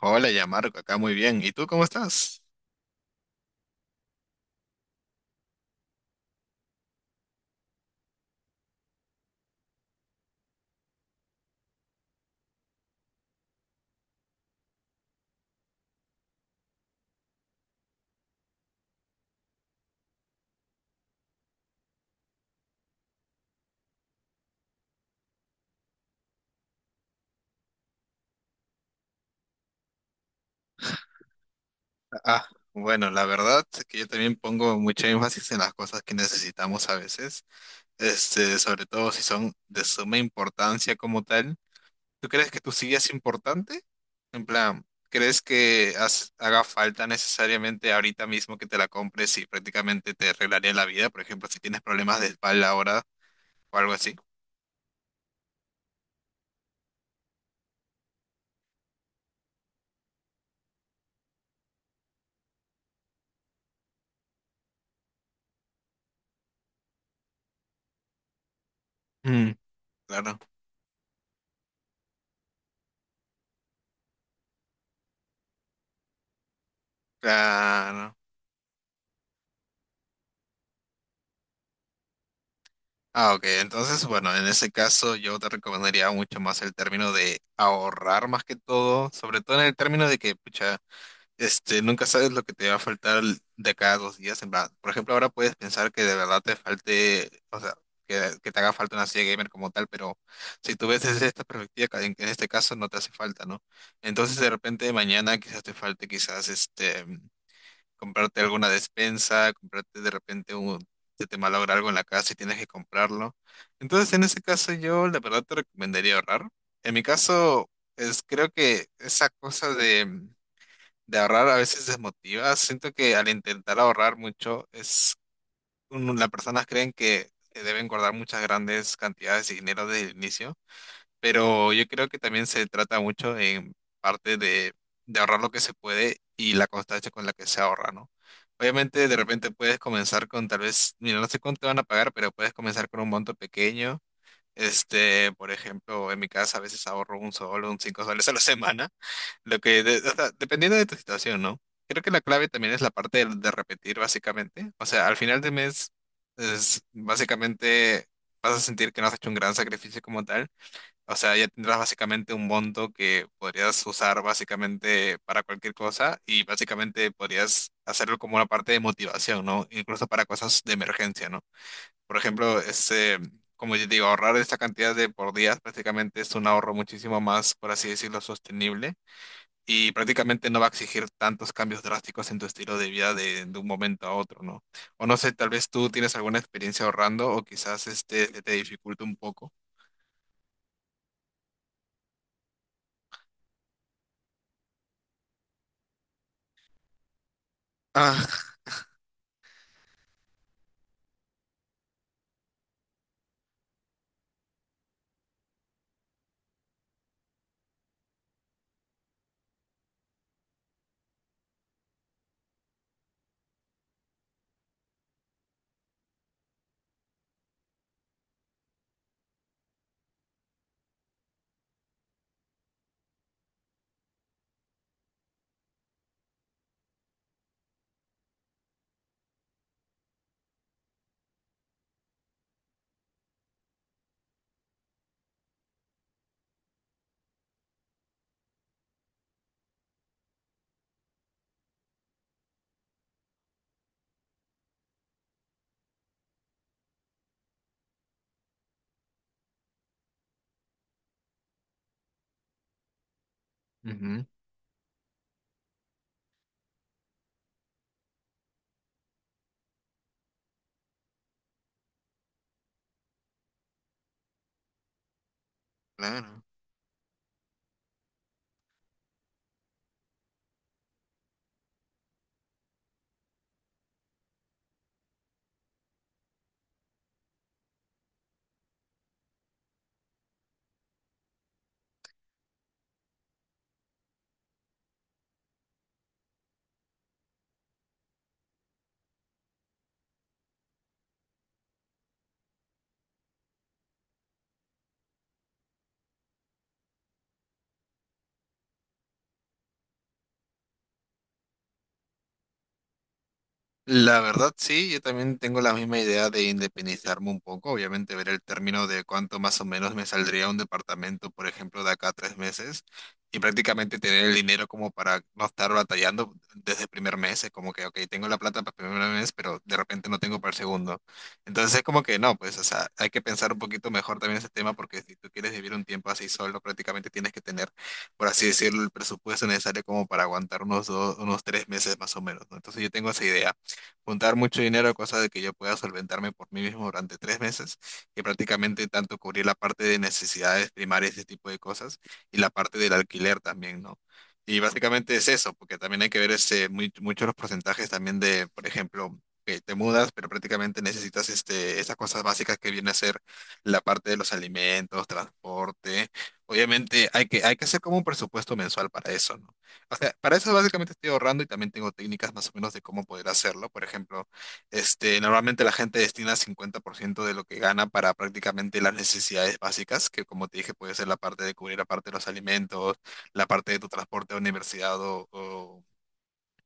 Hola, ya Marco, acá muy bien. ¿Y tú cómo estás? Ah, bueno, la verdad que yo también pongo mucho énfasis en las cosas que necesitamos a veces, sobre todo si son de suma importancia como tal. ¿Tú crees que tu silla es importante? En plan, ¿crees que haga falta necesariamente ahorita mismo que te la compres y prácticamente te arreglaría la vida? Por ejemplo, si tienes problemas de espalda ahora o algo así. Mm, claro, claro. Ah, ok. Entonces, bueno, en ese caso yo te recomendaría mucho más el término de ahorrar más que todo, sobre todo en el término de que, pucha, nunca sabes lo que te va a faltar de cada dos días. En plan, por ejemplo, ahora puedes pensar que de verdad te falte, o sea, que te haga falta una silla gamer como tal, pero si tú ves desde esta perspectiva, que en este caso no te hace falta, ¿no? Entonces, de repente mañana quizás te falte, quizás, este comprarte alguna despensa, comprarte de repente un, se te malogra algo en la casa y tienes que comprarlo. Entonces, en ese caso, yo la verdad te recomendaría ahorrar. En mi caso, es, creo que esa cosa de ahorrar a veces desmotiva. Siento que al intentar ahorrar mucho, es, un- las personas creen que deben guardar muchas grandes cantidades de dinero desde el inicio. Pero yo creo que también se trata mucho en parte de ahorrar lo que se puede y la constancia con la que se ahorra, ¿no? Obviamente de repente puedes comenzar con tal vez, mira, no sé cuánto te van a pagar, pero puedes comenzar con un monto pequeño. Este, por ejemplo, en mi casa a veces ahorro un sol, un cinco soles a la semana, lo que, de- o sea, dependiendo de tu situación, ¿no? Creo que la clave también es la parte de repetir, básicamente. O sea, al final del mes, es, básicamente vas a sentir que no has hecho un gran sacrificio como tal, o sea, ya tendrás básicamente un monto que podrías usar básicamente para cualquier cosa y básicamente podrías hacerlo como una parte de motivación, ¿no? Incluso para cosas de emergencia, ¿no? Por ejemplo, como yo digo, ahorrar esta cantidad de por días prácticamente es un ahorro muchísimo más, por así decirlo, sostenible y prácticamente no va a exigir tantos cambios drásticos en tu estilo de vida de un momento a otro, ¿no? O no sé, tal vez tú tienes alguna experiencia ahorrando o quizás este te dificulta un poco. Ah, ujú, claro. La verdad, sí, yo también tengo la misma idea de independizarme un poco. Obviamente, ver el término de cuánto más o menos me saldría un departamento, por ejemplo, de acá a tres meses y prácticamente tener el dinero como para no estar batallando desde el primer mes. Es como que, ok, tengo la plata para el primer mes, pero de repente no tengo para el segundo. Entonces, es como que no, pues, o sea, hay que pensar un poquito mejor también ese tema porque si tú quieres vivir un tiempo así solo, prácticamente tienes que tener, por así decirlo, el presupuesto necesario como para aguantar unos dos, unos tres meses más o menos, ¿no? Entonces, yo tengo esa idea juntar mucho dinero, cosa de que yo pueda solventarme por mí mismo durante tres meses y prácticamente tanto cubrir la parte de necesidades primarias, este tipo de cosas, y la parte del alquiler también, ¿no? Y básicamente es eso, porque también hay que ver este, muy, muchos los porcentajes también de, por ejemplo, que te mudas, pero prácticamente necesitas este, esas cosas básicas que viene a ser la parte de los alimentos, transporte. Obviamente hay que hacer como un presupuesto mensual para eso, ¿no? O sea, para eso básicamente estoy ahorrando y también tengo técnicas más o menos de cómo poder hacerlo. Por ejemplo, normalmente la gente destina 50% de lo que gana para prácticamente las necesidades básicas, que como te dije puede ser la parte de cubrir la parte de los alimentos, la parte de tu transporte a universidad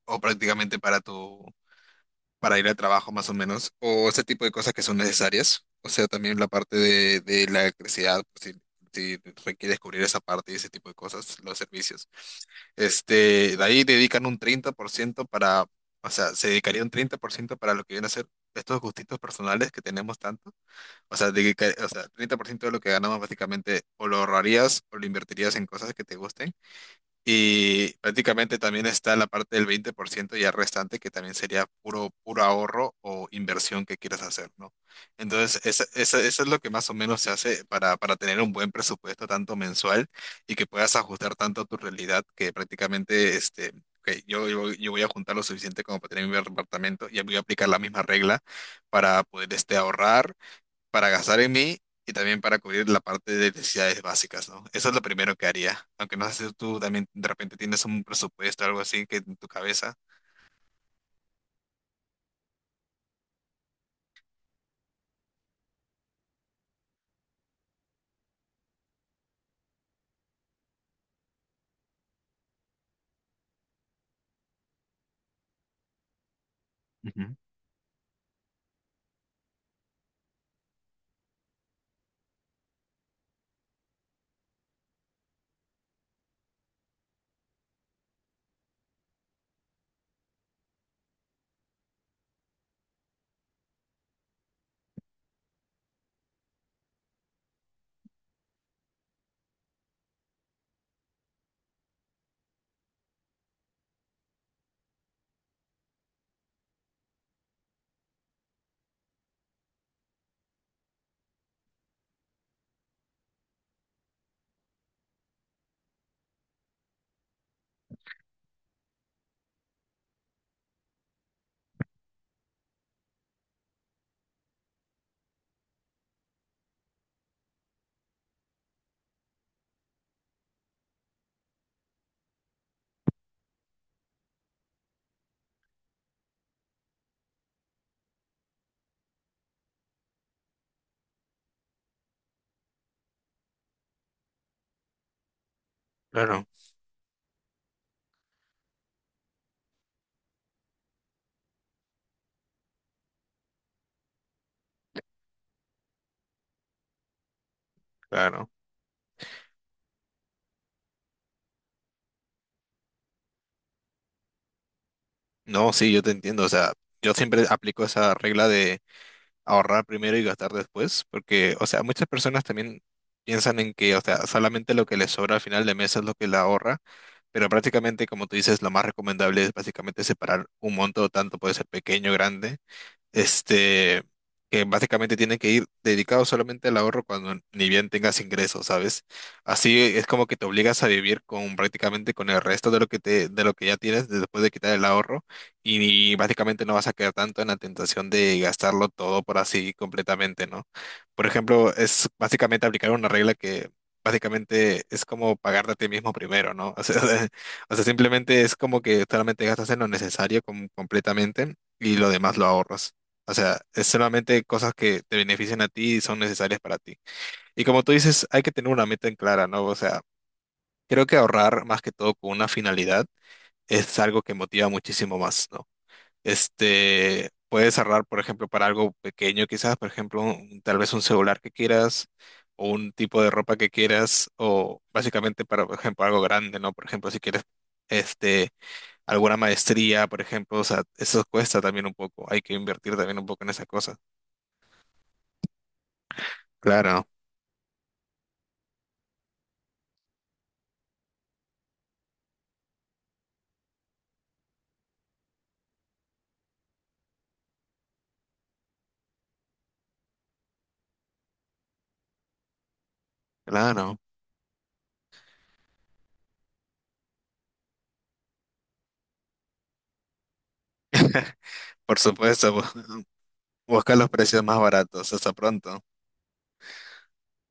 o prácticamente para tu, para ir al trabajo más o menos, o ese tipo de cosas que son necesarias, o sea, también la parte de la electricidad, por si, si requieres cubrir esa parte y ese tipo de cosas, los servicios. Este, de ahí dedican un 30% para, o sea, se dedicaría un 30% para lo que viene a ser estos gustitos personales que tenemos tanto, o sea, dedica- o sea, 30% de lo que ganamos básicamente o lo ahorrarías o lo invertirías en cosas que te gusten y prácticamente también está la parte del 20% ya restante, que también sería puro, puro ahorro o inversión que quieras hacer, ¿no? Entonces, eso es lo que más o menos se hace para tener un buen presupuesto, tanto mensual, y que puedas ajustar tanto a tu realidad, que prácticamente, este, ok, yo voy a juntar lo suficiente como para tener mi departamento, y voy a aplicar la misma regla para poder, este, ahorrar para gastar en mí y también para cubrir la parte de necesidades básicas, ¿no? Eso es lo primero que haría, aunque no sé si tú también de repente tienes un presupuesto o algo así que en tu cabeza. Claro, claro. No, sí, yo te entiendo, o sea, yo siempre aplico esa regla de ahorrar primero y gastar después, porque, o sea, muchas personas también piensan en que, o sea, solamente lo que les sobra al final de mes es lo que la ahorra, pero prácticamente, como tú dices, lo más recomendable es básicamente separar un monto, tanto puede ser pequeño, grande, este, que básicamente tienen que ir dedicados solamente al ahorro cuando ni bien tengas ingresos, ¿sabes? Así es como que te obligas a vivir con prácticamente con el resto de lo que te, de lo que ya tienes después de quitar el ahorro y básicamente no vas a quedar tanto en la tentación de gastarlo todo por así completamente, ¿no? Por ejemplo, es básicamente aplicar una regla que básicamente es como pagarte a ti mismo primero, ¿no? O sea, simplemente es como que solamente gastas en lo necesario completamente y lo demás lo ahorras. O sea, es solamente cosas que te benefician a ti y son necesarias para ti. Y como tú dices, hay que tener una meta en clara, ¿no? O sea, creo que ahorrar más que todo con una finalidad es algo que motiva muchísimo más, ¿no? Este, puedes ahorrar, por ejemplo, para algo pequeño quizás, por ejemplo, un- tal vez un celular que quieras o un tipo de ropa que quieras o básicamente para, por ejemplo, algo grande, ¿no? Por ejemplo, si quieres, este, alguna maestría, por ejemplo, o sea, eso cuesta también un poco, hay que invertir también un poco en esas cosas. Claro. Claro, por supuesto, busca los precios más baratos. Hasta pronto.